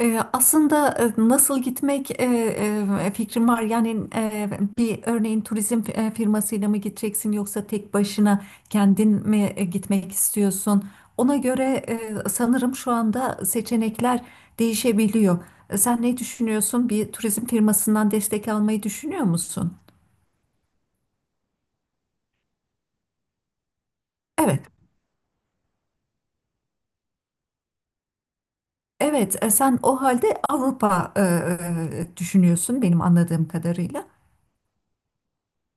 Aslında e, nasıl gitmek e, e, fikrim var. Yani bir örneğin firmasıyla mı gideceksin yoksa tek başına kendin mi gitmek istiyorsun? Ona göre sanırım şu anda seçenekler değişebiliyor. Sen ne düşünüyorsun? Bir turizm firmasından destek almayı düşünüyor musun? Evet, evet. Sen o halde Avrupa düşünüyorsun benim anladığım kadarıyla.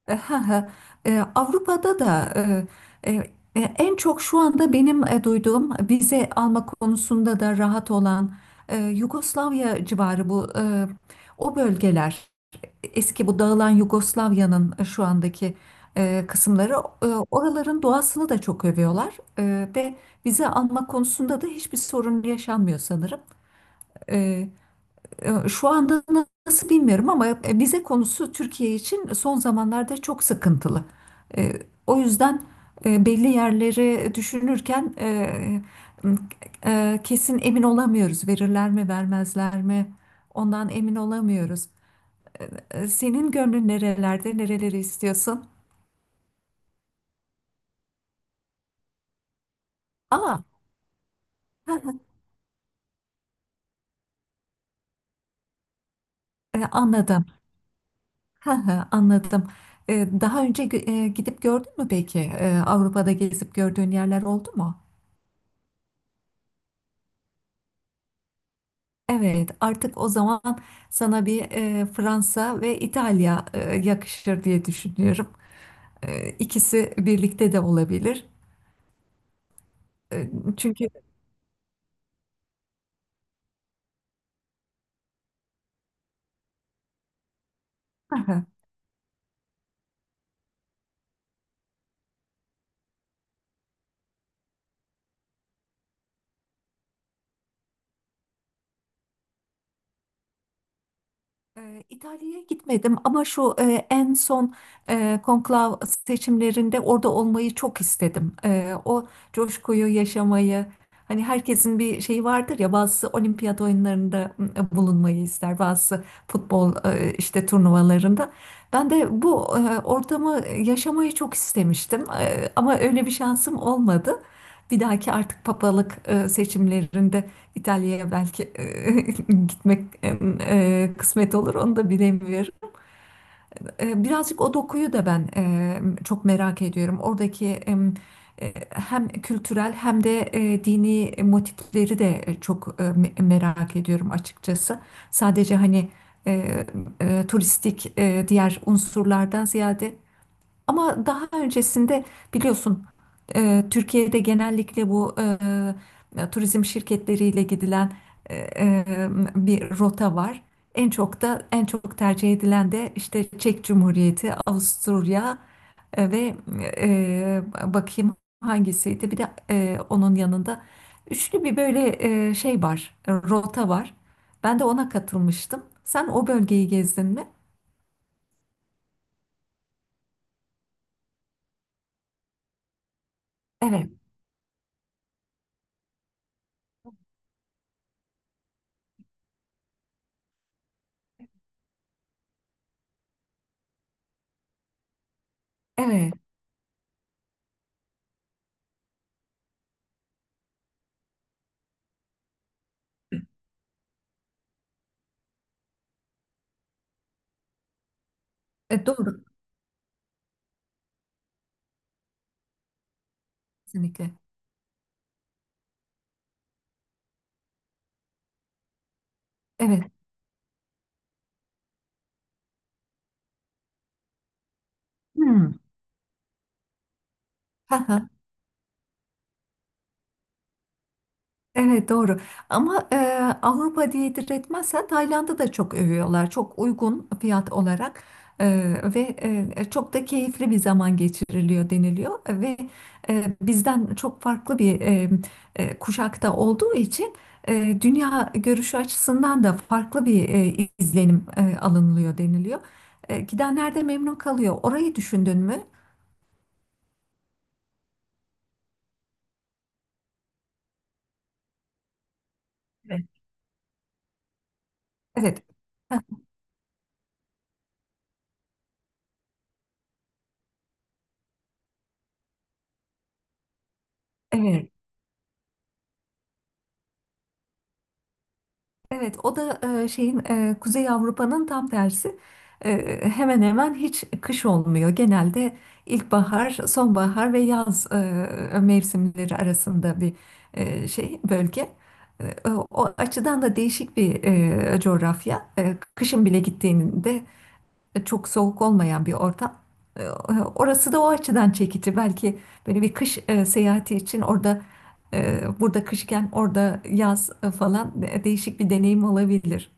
E, ha, ha. Avrupa'da da e, en çok şu anda benim duyduğum vize alma konusunda da rahat olan Yugoslavya civarı, o bölgeler, eski bu dağılan Yugoslavya'nın şu andaki kısımları. Oraların doğasını da çok övüyorlar ve vize alma konusunda da hiçbir sorun yaşanmıyor sanırım. Şu anda nasıl bilmiyorum ama vize konusu Türkiye için son zamanlarda çok sıkıntılı. E, O yüzden belli yerleri düşünürken ıı, kesin emin olamıyoruz. Verirler mi, vermezler mi? Ondan emin olamıyoruz. Senin gönlün nerelerde, nereleri istiyorsun? Aa, anladım. Anladım. Daha önce gidip gördün mü peki? Avrupa'da gezip gördüğün yerler oldu mu? Evet, artık o zaman sana bir Fransa ve İtalya yakışır diye düşünüyorum. E, ikisi birlikte de olabilir. E, çünkü İtalya'ya gitmedim ama en son konklav seçimlerinde orada olmayı çok istedim. O coşkuyu yaşamayı, hani herkesin bir şeyi vardır ya; bazısı olimpiyat oyunlarında bulunmayı ister, bazısı futbol işte turnuvalarında. Ben de bu ortamı yaşamayı çok istemiştim ama öyle bir şansım olmadı. Bir dahaki artık papalık seçimlerinde. İtalya'ya belki gitmek kısmet olur onu da bilemiyorum. Birazcık o dokuyu da ben çok merak ediyorum. Oradaki hem kültürel hem de dini motifleri de çok merak ediyorum açıkçası. Sadece hani e, turistik diğer unsurlardan ziyade, ama daha öncesinde biliyorsun Türkiye'de genellikle bu turizm şirketleriyle gidilen e, e, bir rota var. En çok tercih edilen de işte Çek Cumhuriyeti, Avusturya ve bakayım hangisiydi? Bir de onun yanında üçlü bir böyle rota var. Ben de ona katılmıştım. Sen o bölgeyi gezdin mi? Evet, evet. Doğru, kesinlikle. Evet. Hmm. haha, Evet, doğru, ama Avrupa diye diretmezsen Tayland'ı da çok övüyorlar, çok uygun fiyat olarak. E, Ve çok da keyifli bir zaman geçiriliyor deniliyor, ve bizden çok farklı bir kuşakta olduğu için dünya görüşü açısından da farklı bir izlenim alınılıyor deniliyor. Gidenler de memnun kalıyor. Orayı düşündün mü? Evet. Evet. Heh. Evet. Evet, o da Kuzey Avrupa'nın tam tersi. Hemen hemen hiç kış olmuyor. Genelde ilkbahar, sonbahar ve yaz mevsimleri arasında bir bölge. O açıdan da değişik bir coğrafya. Kışın bile gittiğinde çok soğuk olmayan bir ortam. E, Orası da o açıdan çekici. Belki böyle bir kış seyahati için orada, burada kışken orada yaz falan, değişik bir deneyim olabilir.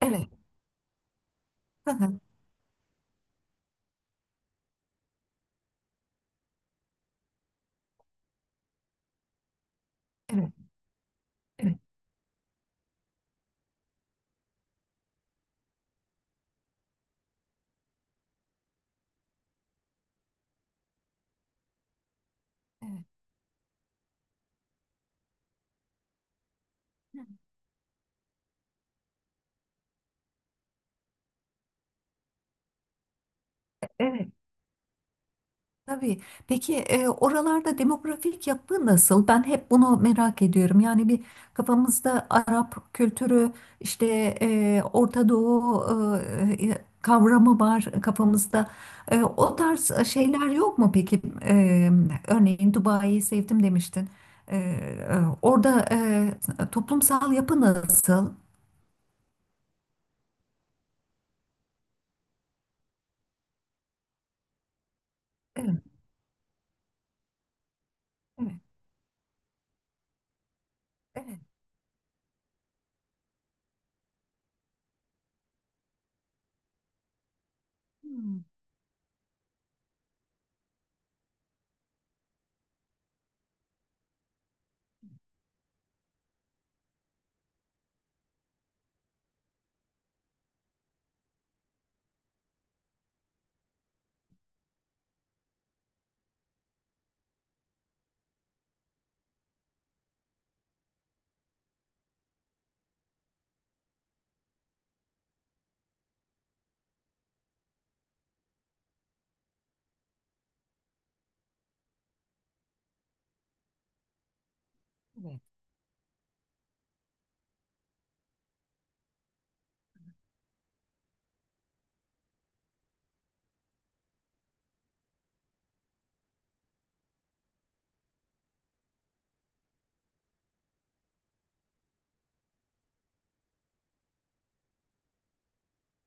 Evet. Hı hı. Evet. Evet. Evet. Evet. Tabii. Peki oralarda demografik yapı nasıl? Ben hep bunu merak ediyorum. Yani bir kafamızda Arap kültürü, işte Orta Doğu kavramı var kafamızda. O tarz şeyler yok mu peki? Örneğin Dubai'yi sevdim demiştin. Orada toplumsal yapı nasıl? Evet, evet, evet. Hmm.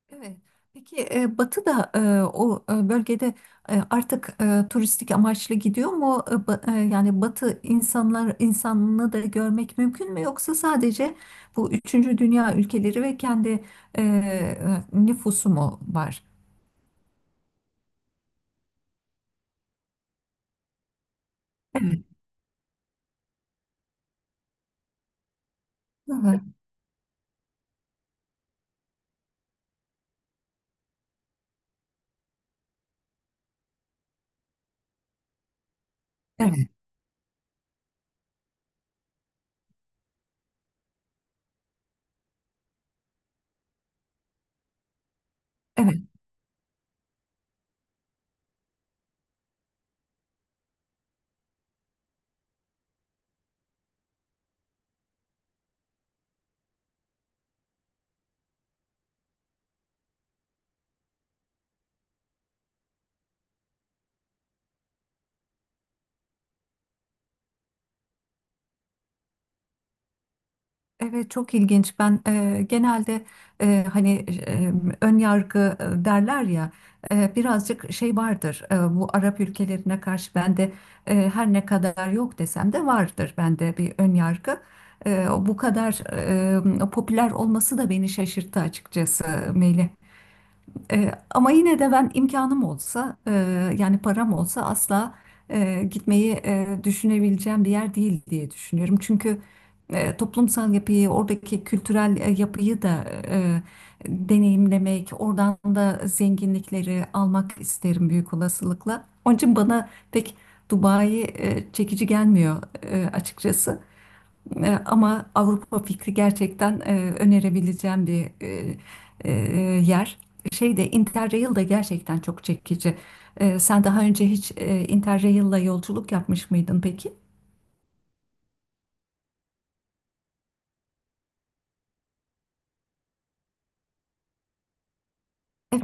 Evet. Peki Batı da o bölgede artık turistik amaçlı gidiyor mu? Yani Batı insanını da görmek mümkün mü? Yoksa sadece bu üçüncü dünya ülkeleri ve kendi nüfusu mu var? Hı hı. Evet, evet. Evet, çok ilginç. Ben genelde hani ön yargı derler ya, birazcık şey vardır. Bu Arap ülkelerine karşı bende, her ne kadar yok desem de, vardır bende bir ön yargı. Bu kadar popüler olması da beni şaşırttı açıkçası, Melih. Ama yine de ben imkanım olsa, yani param olsa, asla gitmeyi düşünebileceğim bir yer değil diye düşünüyorum. Çünkü toplumsal yapıyı, oradaki kültürel yapıyı da deneyimlemek, oradan da zenginlikleri almak isterim büyük olasılıkla. Onun için bana pek Dubai çekici gelmiyor, açıkçası. Ama Avrupa fikri gerçekten önerebileceğim bir e, yer. Şey de Interrail de gerçekten çok çekici. Sen daha önce hiç Interrail'la yolculuk yapmış mıydın peki? Evet,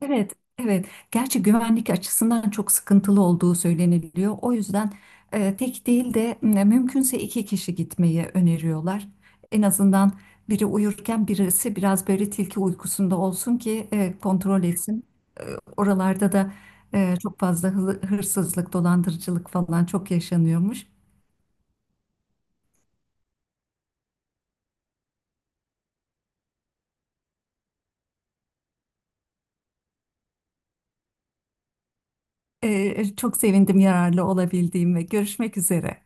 evet, evet. Gerçi güvenlik açısından çok sıkıntılı olduğu söyleniliyor. O yüzden tek değil de mümkünse iki kişi gitmeyi öneriyorlar. En azından biri uyurken birisi biraz böyle tilki uykusunda olsun ki kontrol etsin. Oralarda da çok fazla hırsızlık, dolandırıcılık falan çok yaşanıyormuş. E, Çok sevindim yararlı olabildiğime. Görüşmek üzere.